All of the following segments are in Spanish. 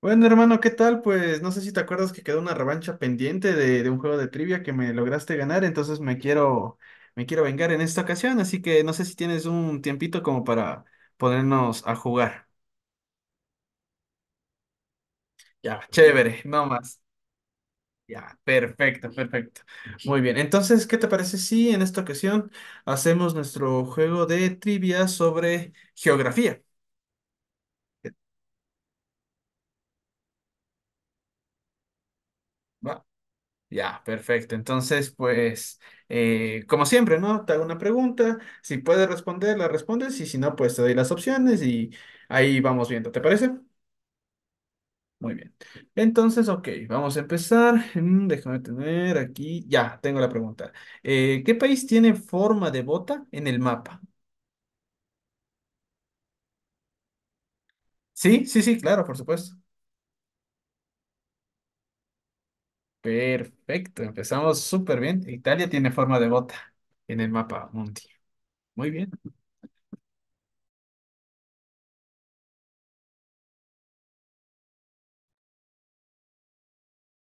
Bueno, hermano, ¿qué tal? Pues no sé si te acuerdas que quedó una revancha pendiente de un juego de trivia que me lograste ganar, entonces me quiero vengar en esta ocasión, así que no sé si tienes un tiempito como para ponernos a jugar. Ya, chévere, no más. Ya, perfecto, perfecto. Muy bien, entonces, ¿qué te parece si en esta ocasión hacemos nuestro juego de trivia sobre geografía? ¿Va? Ya, perfecto. Entonces, pues, como siempre, ¿no? Te hago una pregunta. Si puedes responder, la respondes. Y si no, pues te doy las opciones y ahí vamos viendo. ¿Te parece? Muy bien. Entonces, ok, vamos a empezar. Déjame tener aquí. Ya, tengo la pregunta. ¿Qué país tiene forma de bota en el mapa? Sí, sí, sí, claro, por supuesto. Perfecto. Empezamos súper bien. Italia tiene forma de bota en el mapa mundi. Muy bien.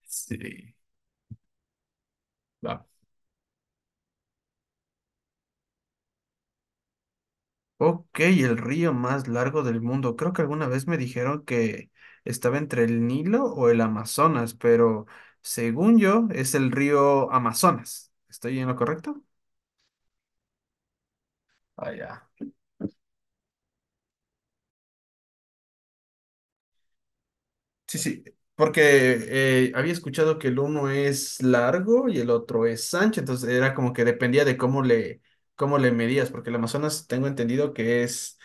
Sí. Vamos. Ok, el río más largo del mundo. Creo que alguna vez me dijeron que estaba entre el Nilo o el Amazonas, pero según yo es el río Amazonas. ¿Estoy en lo correcto? Allá. Sí, sí, porque había escuchado que el uno es largo y el otro es ancho, entonces era como que dependía de cómo le medías, porque el Amazonas tengo entendido que es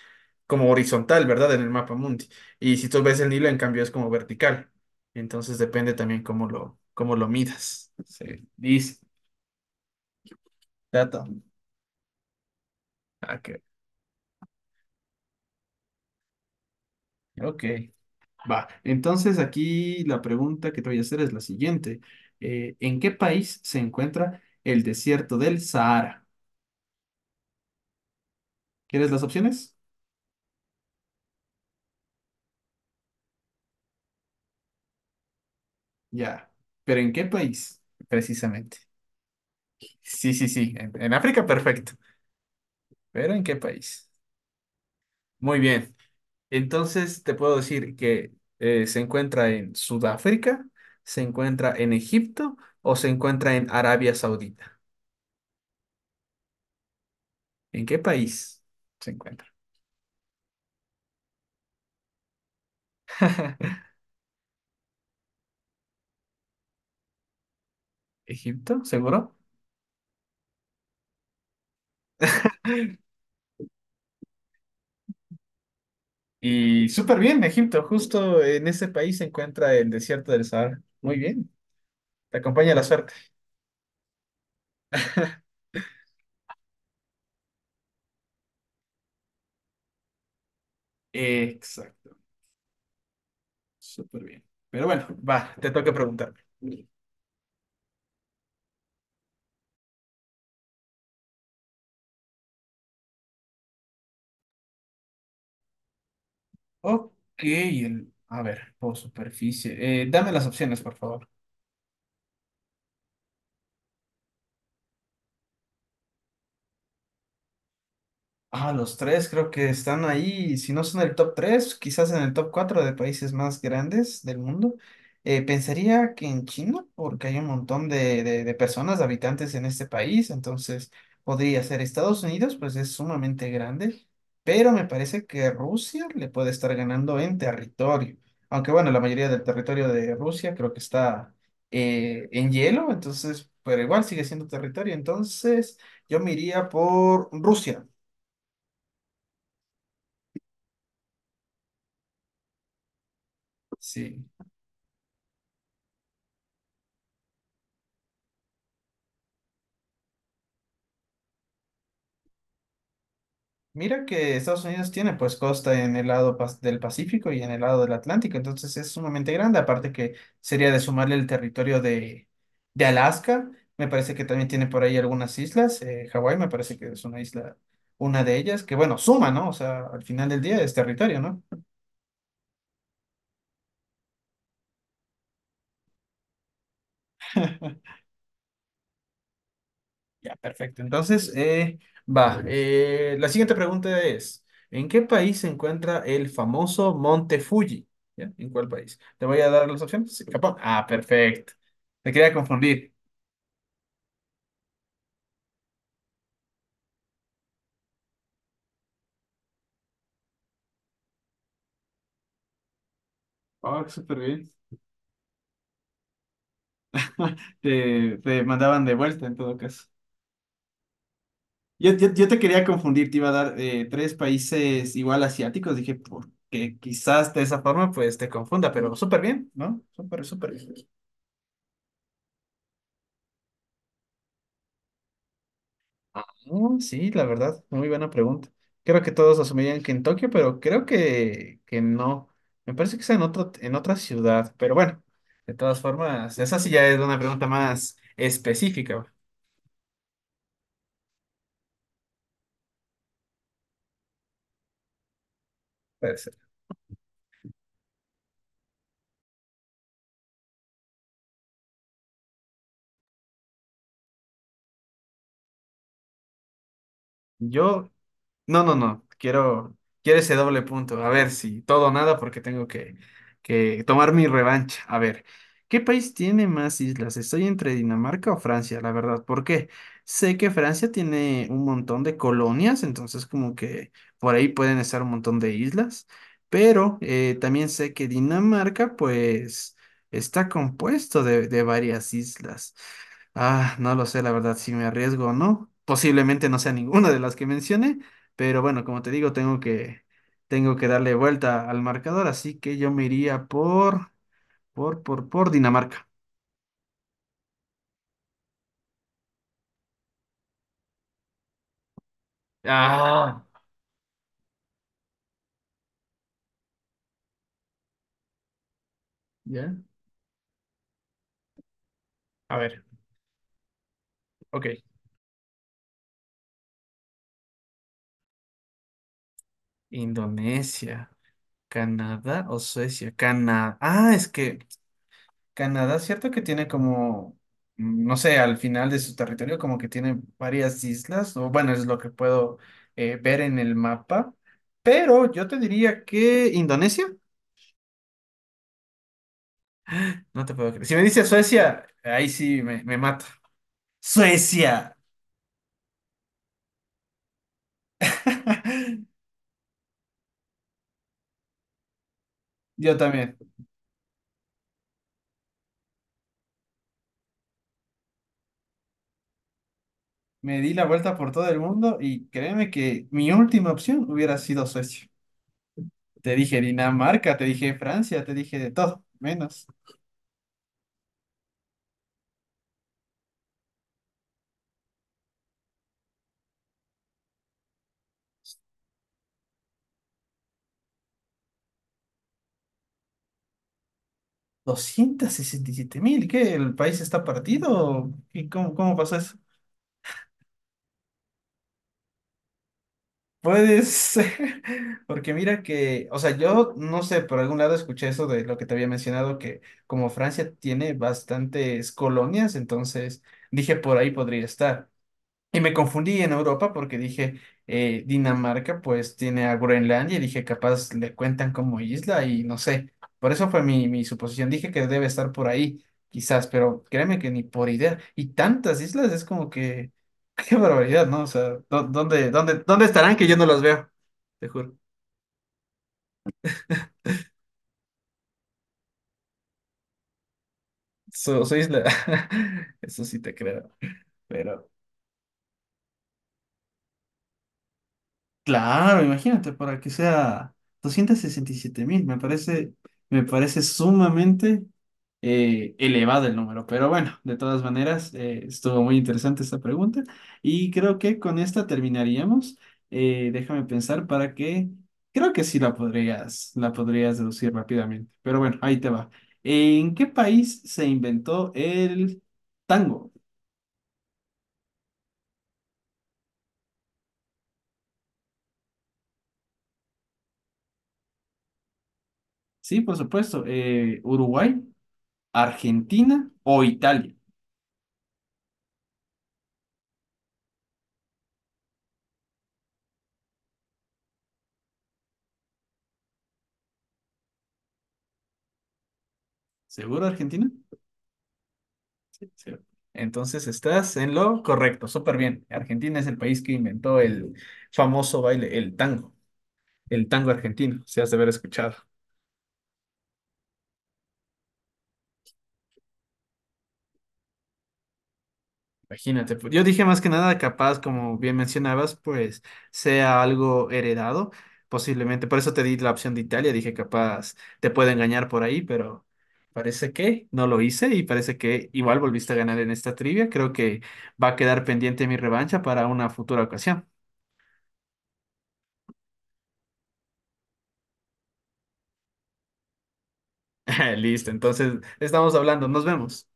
como horizontal, ¿verdad? En el mapa mundi. Y si tú ves el Nilo, en cambio, es como vertical. Entonces depende también cómo lo midas. Se dice. Dato. Ah, Ok. Va. Entonces aquí la pregunta que te voy a hacer es la siguiente. ¿En qué país se encuentra el desierto del Sahara? ¿Quieres las opciones? Ya. ¿Pero en qué país? Precisamente. Sí, sí, sí. En África, perfecto. ¿Pero en qué país? Muy bien. Entonces te puedo decir que se encuentra en Sudáfrica, se encuentra en Egipto o se encuentra en Arabia Saudita. ¿En qué país se encuentra? Egipto, seguro. Y súper bien, Egipto. Justo en ese país se encuentra el desierto del Sahara. Muy bien. Te acompaña la suerte. Exacto. Súper bien. Pero bueno, va, te toca preguntarme. Ok, a ver, por superficie. Dame las opciones, por favor. Ah, los tres creo que están ahí, si no son el top tres, quizás en el top cuatro de países más grandes del mundo. Pensaría que en China, porque hay un montón de personas, de habitantes en este país, entonces podría ser Estados Unidos, pues es sumamente grande, pero me parece que Rusia le puede estar ganando en territorio, aunque bueno, la mayoría del territorio de Rusia creo que está en hielo, entonces, pero igual sigue siendo territorio, entonces yo me iría por Rusia. Sí. Mira que Estados Unidos tiene pues costa en el lado del Pacífico y en el lado del Atlántico, entonces es sumamente grande, aparte que sería de sumarle el territorio de Alaska, me parece que también tiene por ahí algunas islas, Hawái me parece que es una isla, una de ellas, que bueno, suma, ¿no? O sea, al final del día es territorio, ¿no? Ya, perfecto. Entonces, va. La siguiente pregunta es, ¿en qué país se encuentra el famoso Monte Fuji? ¿Ya? ¿En cuál país? ¿Te voy a dar las opciones? Sí, Japón. Ah, perfecto. Te quería confundir. Oh, súper bien. Te mandaban de vuelta en todo caso. Yo te quería confundir, te iba a dar tres países igual asiáticos. Dije, porque quizás de esa forma pues te confunda, pero súper bien, ¿no? Súper, súper. Bien. Ah, oh, sí, la verdad, muy buena pregunta. Creo que todos asumirían que en Tokio, pero creo que no. Me parece que es en otro, en otra ciudad, pero bueno, de todas formas, esa sí ya es una pregunta más específica. Puede ser. Yo No, no, no. Quiero ese doble punto. A ver si todo o nada, porque que tomar mi revancha. A ver, ¿qué país tiene más islas? Estoy entre Dinamarca o Francia, la verdad. ¿Por qué? Sé que Francia tiene un montón de colonias, entonces como que por ahí pueden estar un montón de islas. Pero también sé que Dinamarca, pues, está compuesto de varias islas. Ah, no lo sé, la verdad, si me arriesgo o no. Posiblemente no sea ninguna de las que mencioné, pero bueno, como te digo, tengo que darle vuelta al marcador, así que yo me iría por Dinamarca. Ah, ¿Ya? a ver, ok. Indonesia, Canadá o Suecia. Canadá. Ah, es que Canadá, cierto que tiene como, no sé, al final de su territorio como que tiene varias islas, o bueno, es lo que puedo ver en el mapa. Pero yo te diría que Indonesia. No te puedo creer. Si me dice Suecia, ahí sí me mata. Suecia. Yo también. Me di la vuelta por todo el mundo y créeme que mi última opción hubiera sido Suecia. Te dije Dinamarca, te dije Francia, te dije de todo, menos. 267.000, ¿qué? ¿El país está partido? ¿Y cómo pasó eso? Puede ser, porque mira que, o sea, yo no sé, por algún lado escuché eso de lo que te había mencionado, que como Francia tiene bastantes colonias, entonces dije por ahí podría estar. Y me confundí en Europa porque dije, Dinamarca pues tiene a Groenlandia y dije, capaz le cuentan como isla y no sé. Por eso fue mi suposición. Dije que debe estar por ahí, quizás, pero créeme que ni por idea. Y tantas islas es como que, qué barbaridad, ¿no? O sea, ¿dónde, dónde, dónde estarán que yo no las veo? Te juro. Su isla. Eso sí te creo. Pero... Claro, imagínate, para que sea 267.000, me parece sumamente elevado el número, pero bueno, de todas maneras, estuvo muy interesante esta pregunta y creo que con esta terminaríamos. Déjame pensar para que, creo que sí la podrías deducir rápidamente, pero bueno, ahí te va. ¿En qué país se inventó el tango? Sí, por supuesto, Uruguay, Argentina o Italia. ¿Seguro Argentina? Sí, sí. Entonces estás en lo correcto, súper bien. Argentina es el país que inventó el famoso baile, el tango argentino, si has de haber escuchado. Imagínate, pues, yo dije más que nada, capaz, como bien mencionabas, pues sea algo heredado, posiblemente. Por eso te di la opción de Italia, dije capaz te puede engañar por ahí, pero parece que no lo hice y parece que igual volviste a ganar en esta trivia. Creo que va a quedar pendiente mi revancha para una futura ocasión. Listo, entonces estamos hablando, nos vemos.